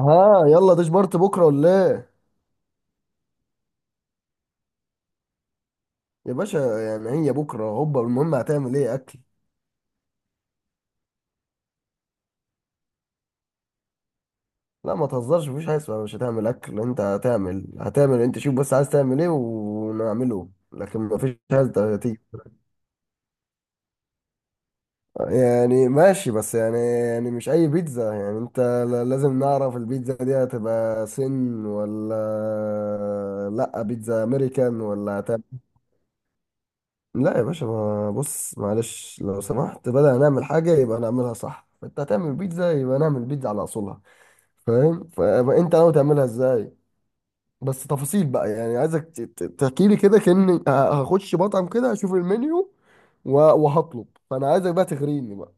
ها، يلا ديش بارت بكره ولا ايه؟ يا باشا يعني هي بكره هوبا، المهم هتعمل ايه اكل؟ لا، ما تهزرش، مفيش حاجه اسمها مش هتعمل اكل، انت هتعمل انت شوف بس عايز تعمل ايه ونعمله، لكن مفيش حاجه تيجي. يعني ماشي، بس يعني مش اي بيتزا، يعني انت لازم نعرف البيتزا دي هتبقى سن ولا؟ لا بيتزا امريكان ولا؟ لا يا باشا، ما بص، معلش لو سمحت، بدل نعمل حاجة يبقى نعملها صح، انت هتعمل بيتزا يبقى نعمل بيتزا على اصولها. فاهم؟ فانت ناوي تعملها ازاي؟ بس تفاصيل بقى، يعني عايزك تحكي لي كده كأني هخش مطعم كده اشوف المنيو و- وهطلب، فانا عايزك بقى تغريني بقى.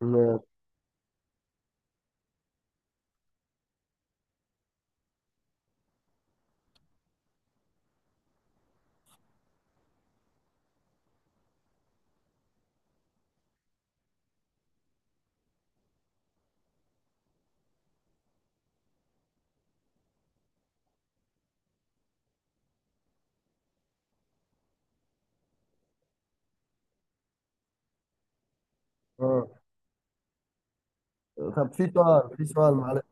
م- آه. طب في سؤال، معلش.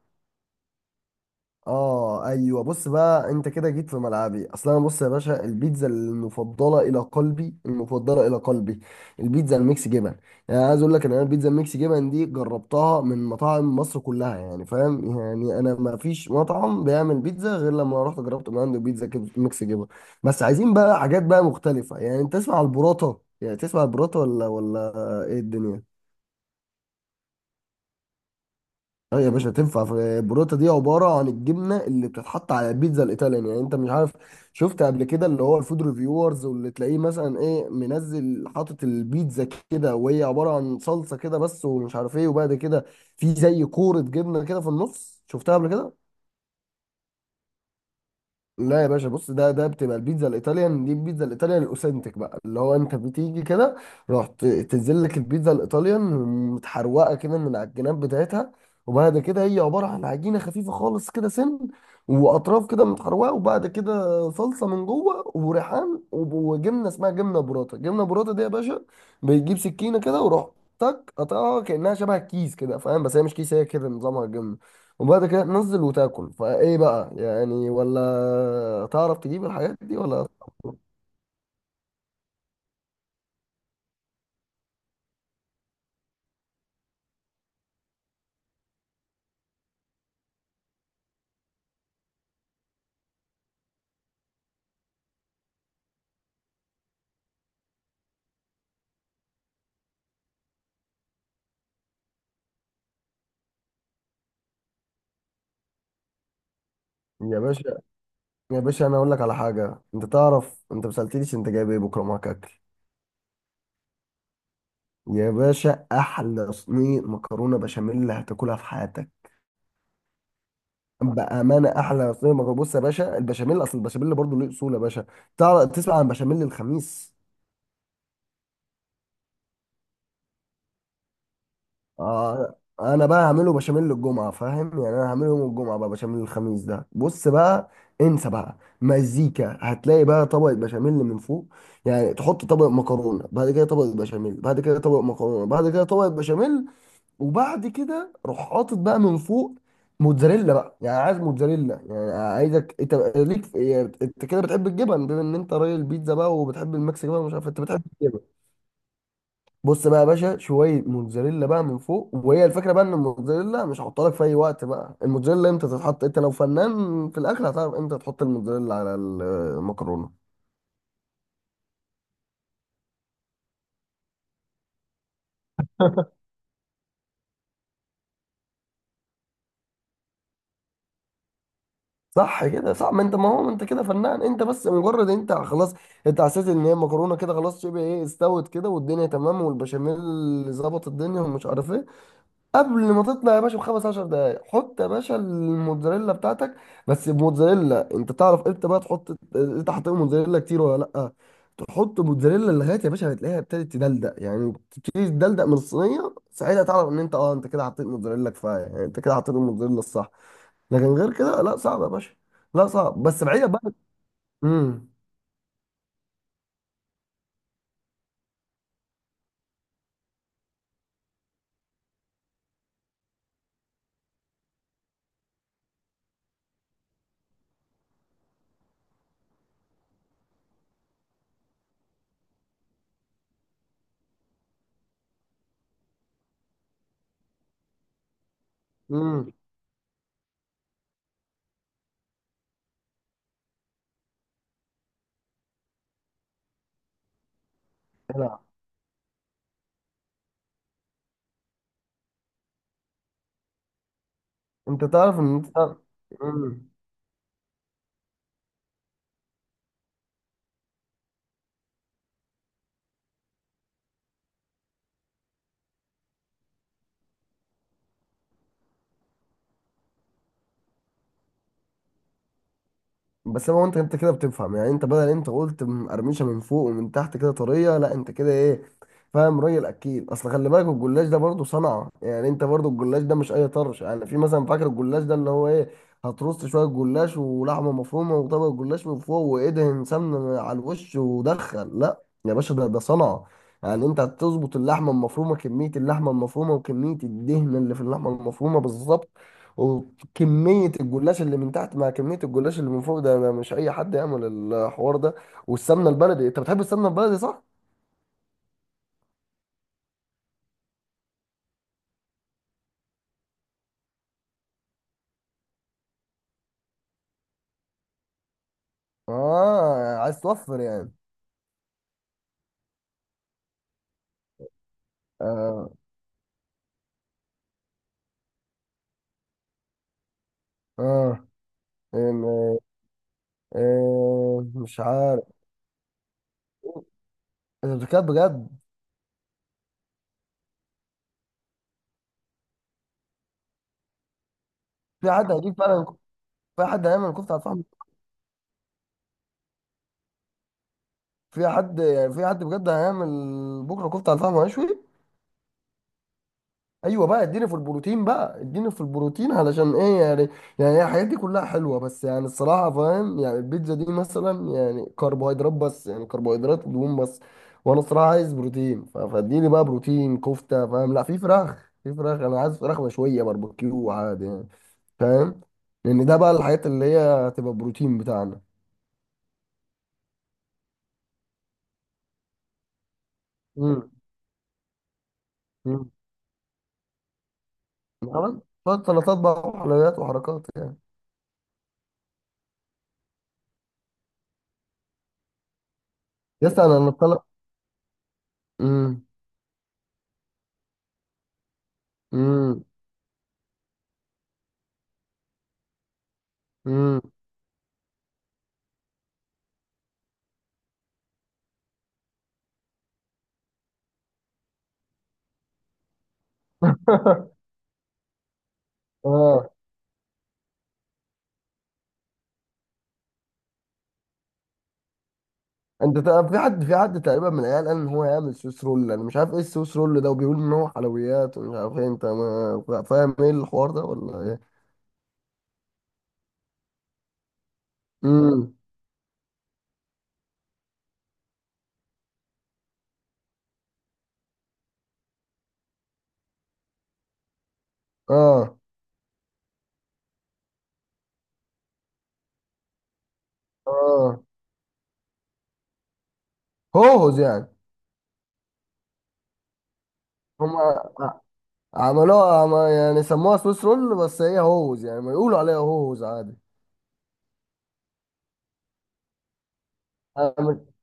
اه ايوه، بص بقى، انت كده جيت في ملعبي، اصل انا، بص يا باشا، البيتزا المفضله الى قلبي، البيتزا الميكس جبن. يعني عايز اقول لك ان انا البيتزا الميكس جبن دي جربتها من مطاعم مصر كلها، يعني فاهم، يعني انا ما فيش مطعم بيعمل بيتزا غير لما رحت جربت من عنده بيتزا ميكس جبن. بس عايزين بقى حاجات بقى مختلفه، يعني انت تسمع البراطه، يعني تسمع البراطه ولا ايه الدنيا؟ اه يا باشا، تنفع. في بروتا، دي عباره عن الجبنه اللي بتتحط على البيتزا الايطاليان، يعني انت مش عارف؟ شفت قبل كده اللي هو الفود ريفيورز، واللي تلاقيه مثلا ايه منزل حاطط البيتزا كده وهي عباره عن صلصه كده بس ومش عارف ايه، وبعد كده في زي كوره جبنه كده في النص، شفتها قبل كده؟ لا يا باشا، بص، ده بتبقى البيتزا الايطاليان، دي البيتزا الايطاليان الاوثنتيك بقى، اللي هو انت بتيجي كده رحت تنزل لك البيتزا الايطاليان متحروقه كده من على الجناب بتاعتها، وبعد كده هي عباره عن عجينه خفيفه خالص كده سن، واطراف كده متحروقه، وبعد كده صلصه من جوه وريحان وجبنه اسمها جبنه براطه. جبنه براطه دي يا باشا، بيجيب سكينه كده وروح تك قطعها كانها شبه الكيس كده، فاهم؟ بس هي مش كيس، هي كده نظامها جبنه، وبعد كده تنزل وتاكل. فايه بقى يعني، ولا تعرف تجيب الحاجات دي ولا؟ يا باشا، انا اقول لك على حاجه، انت تعرف انت ما سالتنيش انت جايب ايه بكره معاك اكل؟ يا باشا، احلى صينيه مكرونه بشاميل اللي هتاكلها في حياتك، بامانه، احلى صينيه مكرونه. بص يا باشا، البشاميل اصل البشاميل برضه له اصول يا باشا. تعرف تسمع عن بشاميل الخميس؟ آه، انا بقى هعمله بشاميل الجمعه، فاهم؟ يعني انا هعمله يوم الجمعه. بقى بشاميل الخميس ده، بص بقى، انسى بقى مزيكا. هتلاقي بقى طبقه بشاميل من فوق، يعني تحط طبق مكرونه بعد كده طبقه بشاميل بعد كده طبق مكرونه بعد كده طبقه بشاميل، وبعد كده روح حاطط بقى من فوق موتزاريلا بقى، يعني عايز موتزاريلا. يعني عايزك انت ليك يعني انت كده بتحب الجبن، بما ان انت راجل بيتزا بقى وبتحب الميكس جبن، مش عارف إيه، انت بتحب الجبن. بص بقى يا باشا، شويه موتزاريلا بقى من فوق، وهي الفكره بقى ان الموتزاريلا مش هحطها لك في اي وقت بقى. الموتزاريلا امتى تتحط؟ انت لو فنان في الاخر هتعرف امتى تحط الموتزاريلا على المكرونه. صح كده، صح. ما انت، ما هو انت كده فنان، انت بس مجرد انت خلاص، انت حسيت ان هي المكرونه كده خلاص شبه ايه، استوت كده والدنيا تمام، والبشاميل ظبط الدنيا ومش عارف ايه، قبل ما تطلع يا باشا بخمس عشر دقايق، حط يا باشا الموتزاريلا بتاعتك. بس موتزاريلا، انت تعرف امتى بقى تحط، انت حطيت موتزاريلا كتير ولا لا؟ تحط موتزاريلا لغايه يا باشا ما تلاقيها ابتدت تدلدق، يعني تبتدي تدلدق من الصينيه، ساعتها تعرف ان انت اه انت كده حطيت موتزاريلا كفايه، يعني انت كده حطيت الموتزاريلا الصح. لكن غير كده لا، صعب يا باشا. لا، صعب بس بعيده بقى. امم امم لا، انت تعرف ان انت. امم بس ما هو انت، انت كده بتفهم، يعني انت بدل انت قلت قرمشه من فوق ومن تحت، كده طريه. لا انت كده ايه، فاهم؟ راجل اكيد. اصل خلي بالك الجلاش ده برضه صنعه، يعني انت برضه الجلاش ده مش اي طرش يعني. في مثلا فاكر الجلاش ده اللي هو ايه، هترص شويه جلاش ولحمه مفرومه وطبق الجلاش من فوق وادهن سمنه على الوش ودخل. لا يا باشا، ده صنعه. يعني انت هتظبط اللحمه المفرومه، كميه اللحمه المفرومه وكميه الدهن اللي في اللحمه المفرومه بالظبط، كمية الجلاش اللي من تحت مع كمية الجلاش اللي من فوق. ده أنا مش أي حد يعمل الحوار ده. والسمنة البلدي، أنت بتحب السمنة البلدي صح؟ آه، عايز توفر يعني. آه آه إم- آه، مش عارف. أنت بتتكلم بجد؟ في حد هيجيب فعلا؟ في حد هيعمل كفتة على الفحم؟ في حد يعني، في حد بجد هيعمل بكرة كفتة على الفحم وهيشوي؟ ايوه بقى، اديني في البروتين بقى، اديني في البروتين علشان ايه يعني. يعني هي الحاجات دي كلها حلوه، بس يعني الصراحه فاهم، يعني البيتزا دي مثلا يعني كربوهيدرات بس، يعني كربوهيدرات ودهون بس. وانا الصراحه عايز بروتين، فاديني بقى بروتين كفته فاهم، لا في فراخ، انا عايز فراخ مشويه باربيكيو عادي يعني، فاهم، لان ده بقى الحاجات اللي هي هتبقى بروتين بتاعنا. امم امم طبعا. شويه سلطات بقى وحلويات وحركات يعني. يس، انا اللي طلع. امم امم امم اه. انت في حد، تقريبا من العيال قال ان هو يعمل سويس رول، انا مش عارف ايه السويس رول ده، وبيقول ان هو حلويات ومش عارف ايه، انت ما فاهم ايه الحوار ده ولا ايه؟ امم اه، اه، هوز يعني. هم. عملوها يعني سموها سويس رول، بس هي هوز يعني، ما يقولوا عليها هوز. عادي،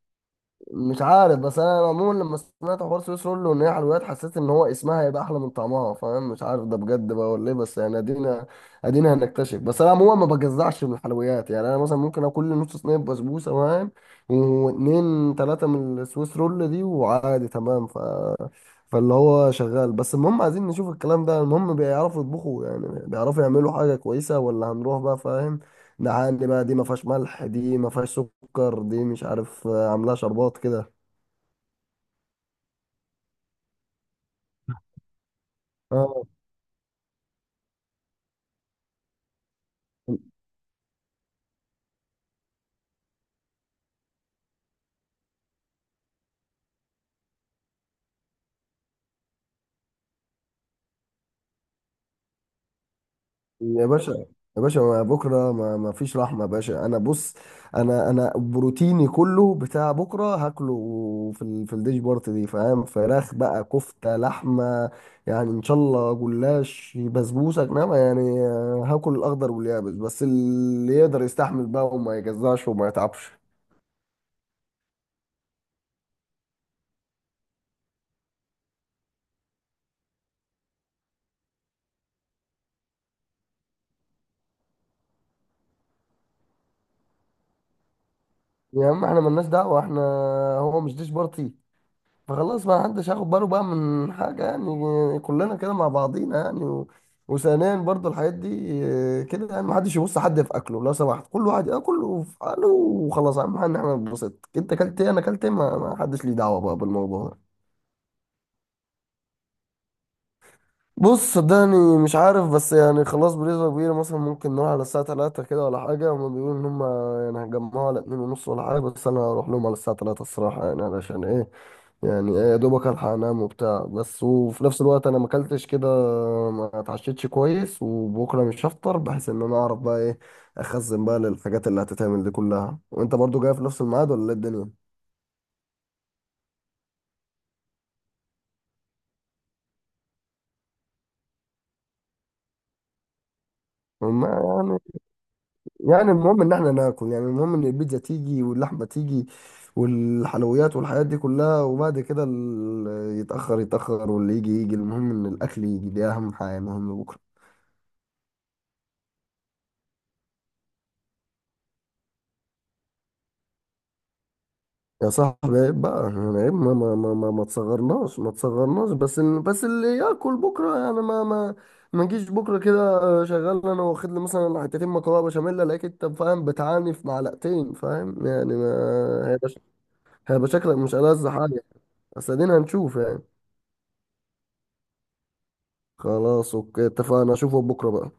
مش عارف. بس انا عموما لما سمعت حوار سويس رول ان هي حلويات، حسيت ان هو اسمها هيبقى احلى من طعمها، فاهم، مش عارف ده بجد بقى ولا ايه، بس يعني ادينا، هنكتشف. بس انا عموما ما بجزعش من الحلويات، يعني انا مثلا ممكن اكل لي نص صينيه بسبوسه، فاهم، واتنين تلاته من السويس رول دي وعادي تمام. فاللي هو شغال بس المهم عايزين نشوف الكلام ده، المهم بيعرفوا يطبخوا، يعني بيعرفوا يعملوا حاجه كويسه ولا هنروح بقى فاهم. ده عندي بقى، دي ما فيهاش ملح، دي ما فيهاش سكر، دي مش عارف عاملاها شربات كده. اه يا باشا، ما بكره ما فيش رحمه يا باشا انا. بص، انا بروتيني كله بتاع بكره هاكله في الديش بارت دي، فاهم، فراخ بقى، كفته، لحمه، يعني ان شاء الله جلاش، بسبوسه، انما يعني هاكل الاخضر واليابس بس اللي يقدر يستحمل بقى وما يجزعش وما يتعبش. يا عم احنا ملناش دعوه احنا، هو مش ديش بارتي؟ فخلاص، ما حدش هياخد باله بقى من حاجة، يعني كلنا كده مع بعضينا يعني وثانيا برضو الحاجات دي كده، يعني ما حدش يبص حد في اكله لو سمحت، كل واحد ياكل في حاله وخلاص، اهم حاجه ان احنا نتبسط، انت اكلت ايه انا اكلت ايه، ما حدش ليه دعوه بقى بالموضوع ده. بص صدقني مش عارف، بس يعني خلاص بنسبه كبيره مثلا ممكن نروح على الساعه 3 كده ولا حاجه، هما بيقولوا ان هما يعني هيجمعوا على 2 ونص ولا حاجه، بس انا هروح لهم على الساعه 3 الصراحه، يعني علشان ايه، يعني إيه، يا دوبك الحق انام وبتاع بس، وفي نفس الوقت انا ما اكلتش كده، ما اتعشيتش كويس، وبكره مش هفطر بحيث ان انا اعرف بقى ايه، اخزن بقى للحاجات اللي هتتعمل دي كلها، وانت برضو جاي في نفس الميعاد ولا ايه الدنيا؟ ما يعني يعني المهم ان احنا ناكل، يعني المهم ان البيتزا تيجي واللحمه تيجي والحلويات والحاجات دي كلها، وبعد كده يتاخر واللي يجي يجي، المهم ان الاكل يجي، دي اهم حاجه، المهم بكره. يا صاحبي عيب بقى يعني عيب، ما تصغرناش، بس بس اللي ياكل بكره، يعني ما نجيش بكره كده. شغال انا واخد لي مثلا حتتين مكرونه بشاميل، الاقيك انت فاهم بتعاني في معلقتين فاهم يعني، ما هيبقى هيبقى شكلك مش ألذ حاجه. بس ادينا هنشوف يعني. خلاص اوكي اتفقنا، اشوفه بكره بقى.